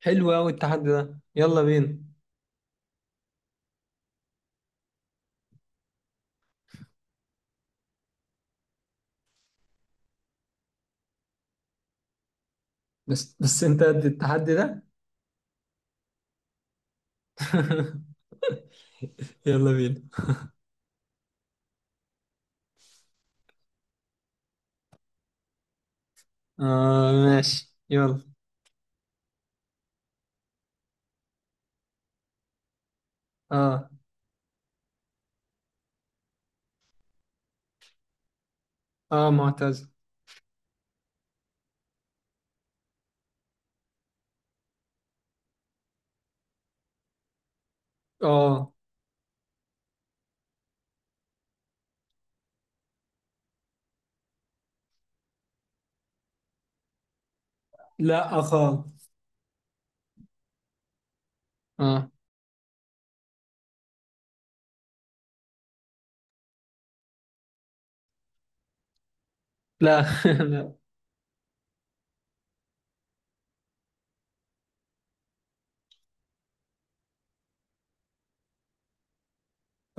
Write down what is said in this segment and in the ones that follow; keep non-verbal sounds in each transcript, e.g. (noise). حلو قوي التحدي ده، يلا بينا. بس انت قد التحدي ده. (laughs) يلا بينا. اه، ماشي يلا. اه، اه، معتز. اه. لا خالص. اه. لا. (laughs) لا.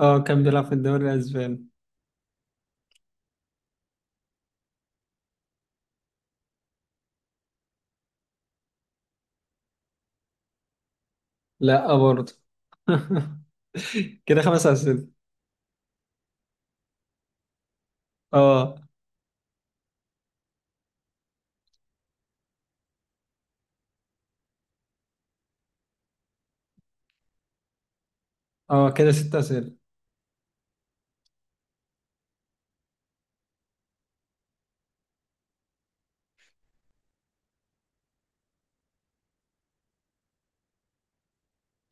اه، كان بيلعب في الدوري الاسباني. لا برضه. (laughs) كده خمس اسئله. اه، اه، كده ست اسئله.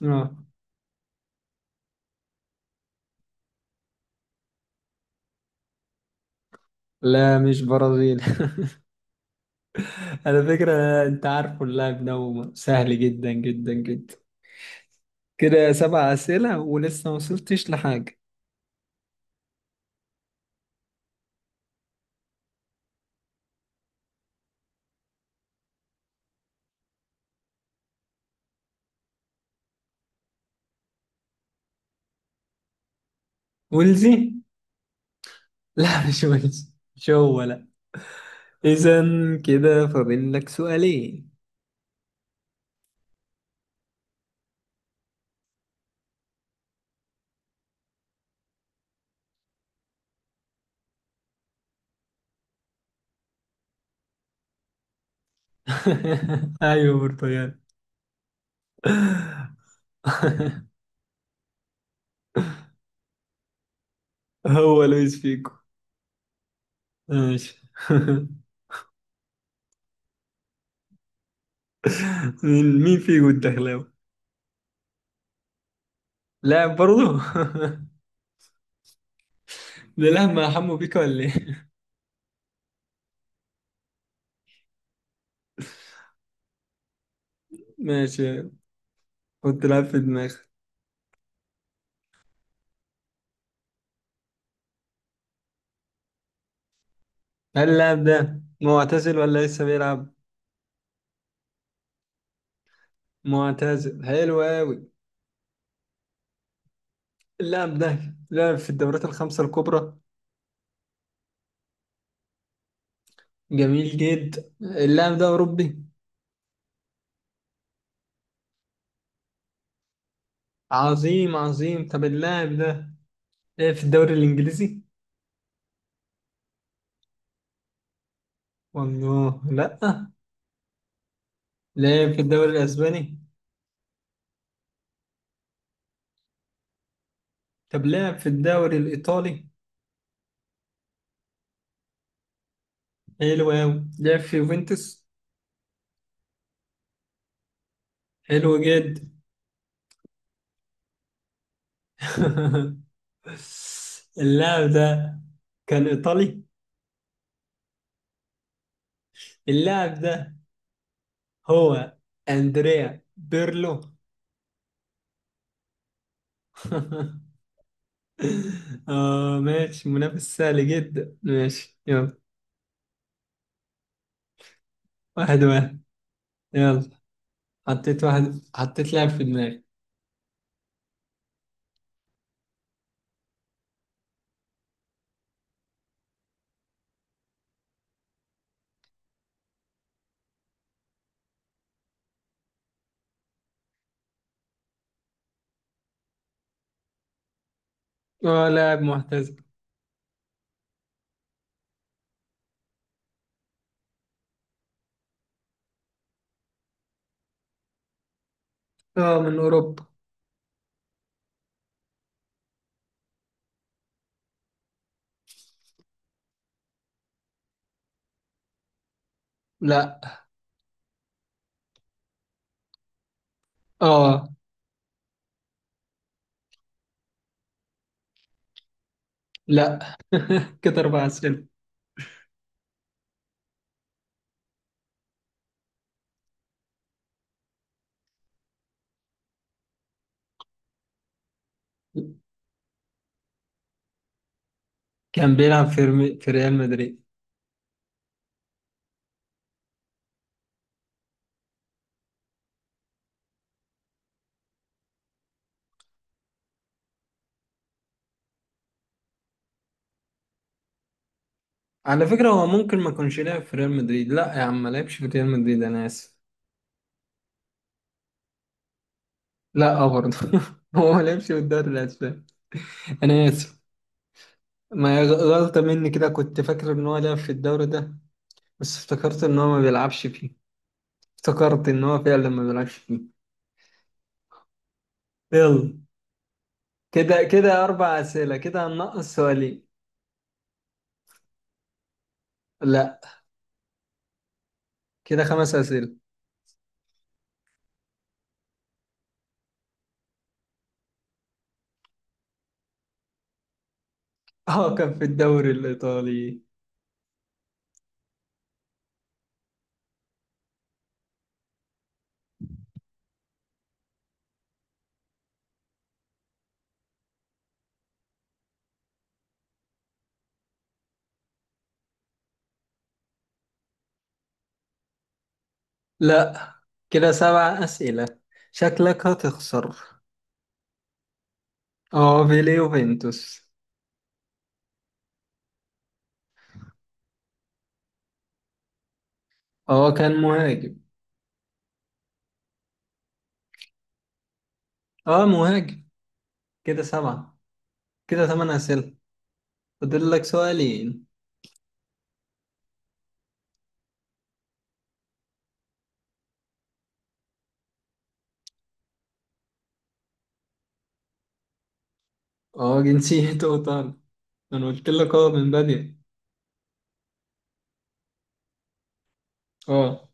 اه، لا مش برازيل. (laughs) على فكره، انت عارف اللاعب ده سهل جدا جدا جدا. كده سبع اسئله ولسه ما وصلتش لحاجه. ولزي. لا، مش ولزي، مش هو، لا. اذا كده فاضل لك سؤالين. (laughs) ايوه، برتغال. (laughs) هو لويس فيجو. ماشي. (laughs) مين فيجو الدخلاوي؟ لاعب برضه؟ (laughs) ده لاعب مع حمو بيكا ولا ايه؟ (laughs) ماشي، كنت لعب في دماغي. هل اللاعب ده معتزل ولا لسه بيلعب؟ معتزل حلو قوي. اللاعب ده لعب في الدورات الخمسة الكبرى. جميل جدا، اللاعب ده أوروبي. عظيم عظيم، طب اللاعب ده لعب في الدوري الإنجليزي؟ والله لأ. لعب في الدوري الأسباني. طب لعب في الدوري الإيطالي. حلو أوي، لعب في يوفنتوس. حلو جدا. (laughs) اللاعب ده كان إيطالي. اللاعب ده هو أندريا بيرلو. (laughs) آه، ماشي، منافس سهل جدا، ماشي يلا. 1-1. يلا. حطيت لاعب في دماغي. اه، لاعب معتزل. اه، من اوروبا. لا. اه. لا. (laughs) كده اربع اسئله. كان بيلعب في في ريال مدريد. على فكره، هو ممكن ما كانش لعب في ريال مدريد. لا يا عم ما لعبش في ريال مدريد، انا اسف. لا، اه برضه. (laughs) هو ما لعبش في الدوري الاسباني، انا اسف. ما هي غلطه مني، كده كنت فاكر ان هو لعب في الدوري ده. بس افتكرت ان هو ما بيلعبش فيه. افتكرت ان هو فعلا ما بيلعبش فيه. يلا. كده أربع أسئلة، كده هننقص سؤالين. لا، كده خمس أسئلة. (laughs) اه، كان في الدوري الإيطالي. لا، كده سبع أسئلة، شكلك هتخسر. اه، في ليوفنتوس. اه، كان مهاجم. اه، مهاجم. كده سبعة، كده ثمان أسئلة، فاضل لك سؤالين. اه، جنسيته إيطالي. أنا قلت لك، اه، من بدري. اه.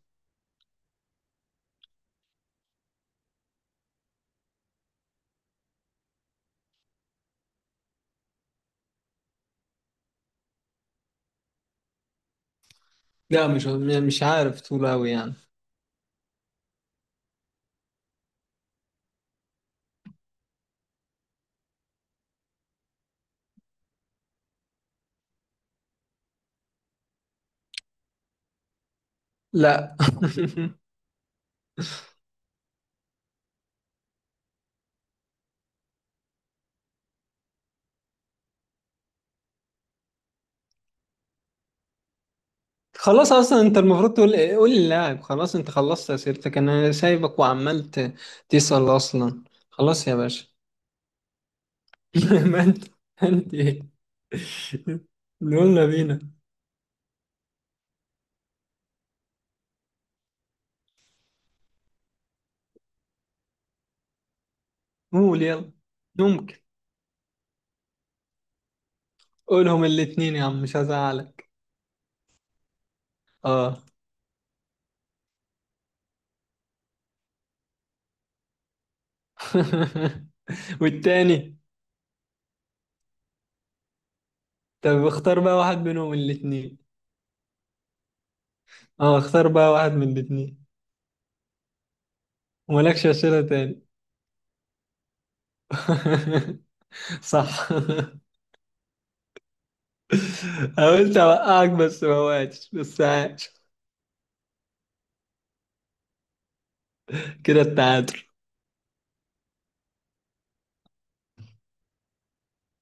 لا، مش عارف طول أوي يعني. لا. (laughs) خلاص، اصلا انت المفروض تقول إيه؟ قول للاعب خلاص، انت خلصت اسئلتك، انا سايبك وعمال تسأل اصلا. خلاص يا باشا. (laughs) ما انت ايه. (laughs) يلا بينا. قول يلا. ممكن، قولهم الاتنين يا عم، مش هزعلك. اه. (laughs) والتاني؟ طب اختار بقى واحد منهم الاتنين. اه، اختار بقى واحد من الاتنين، ومالكش اسئلة تاني. (laughs) صح. (laughs) حاولت اوقعك بس ما وقعتش، بس عاش. كده التعادل.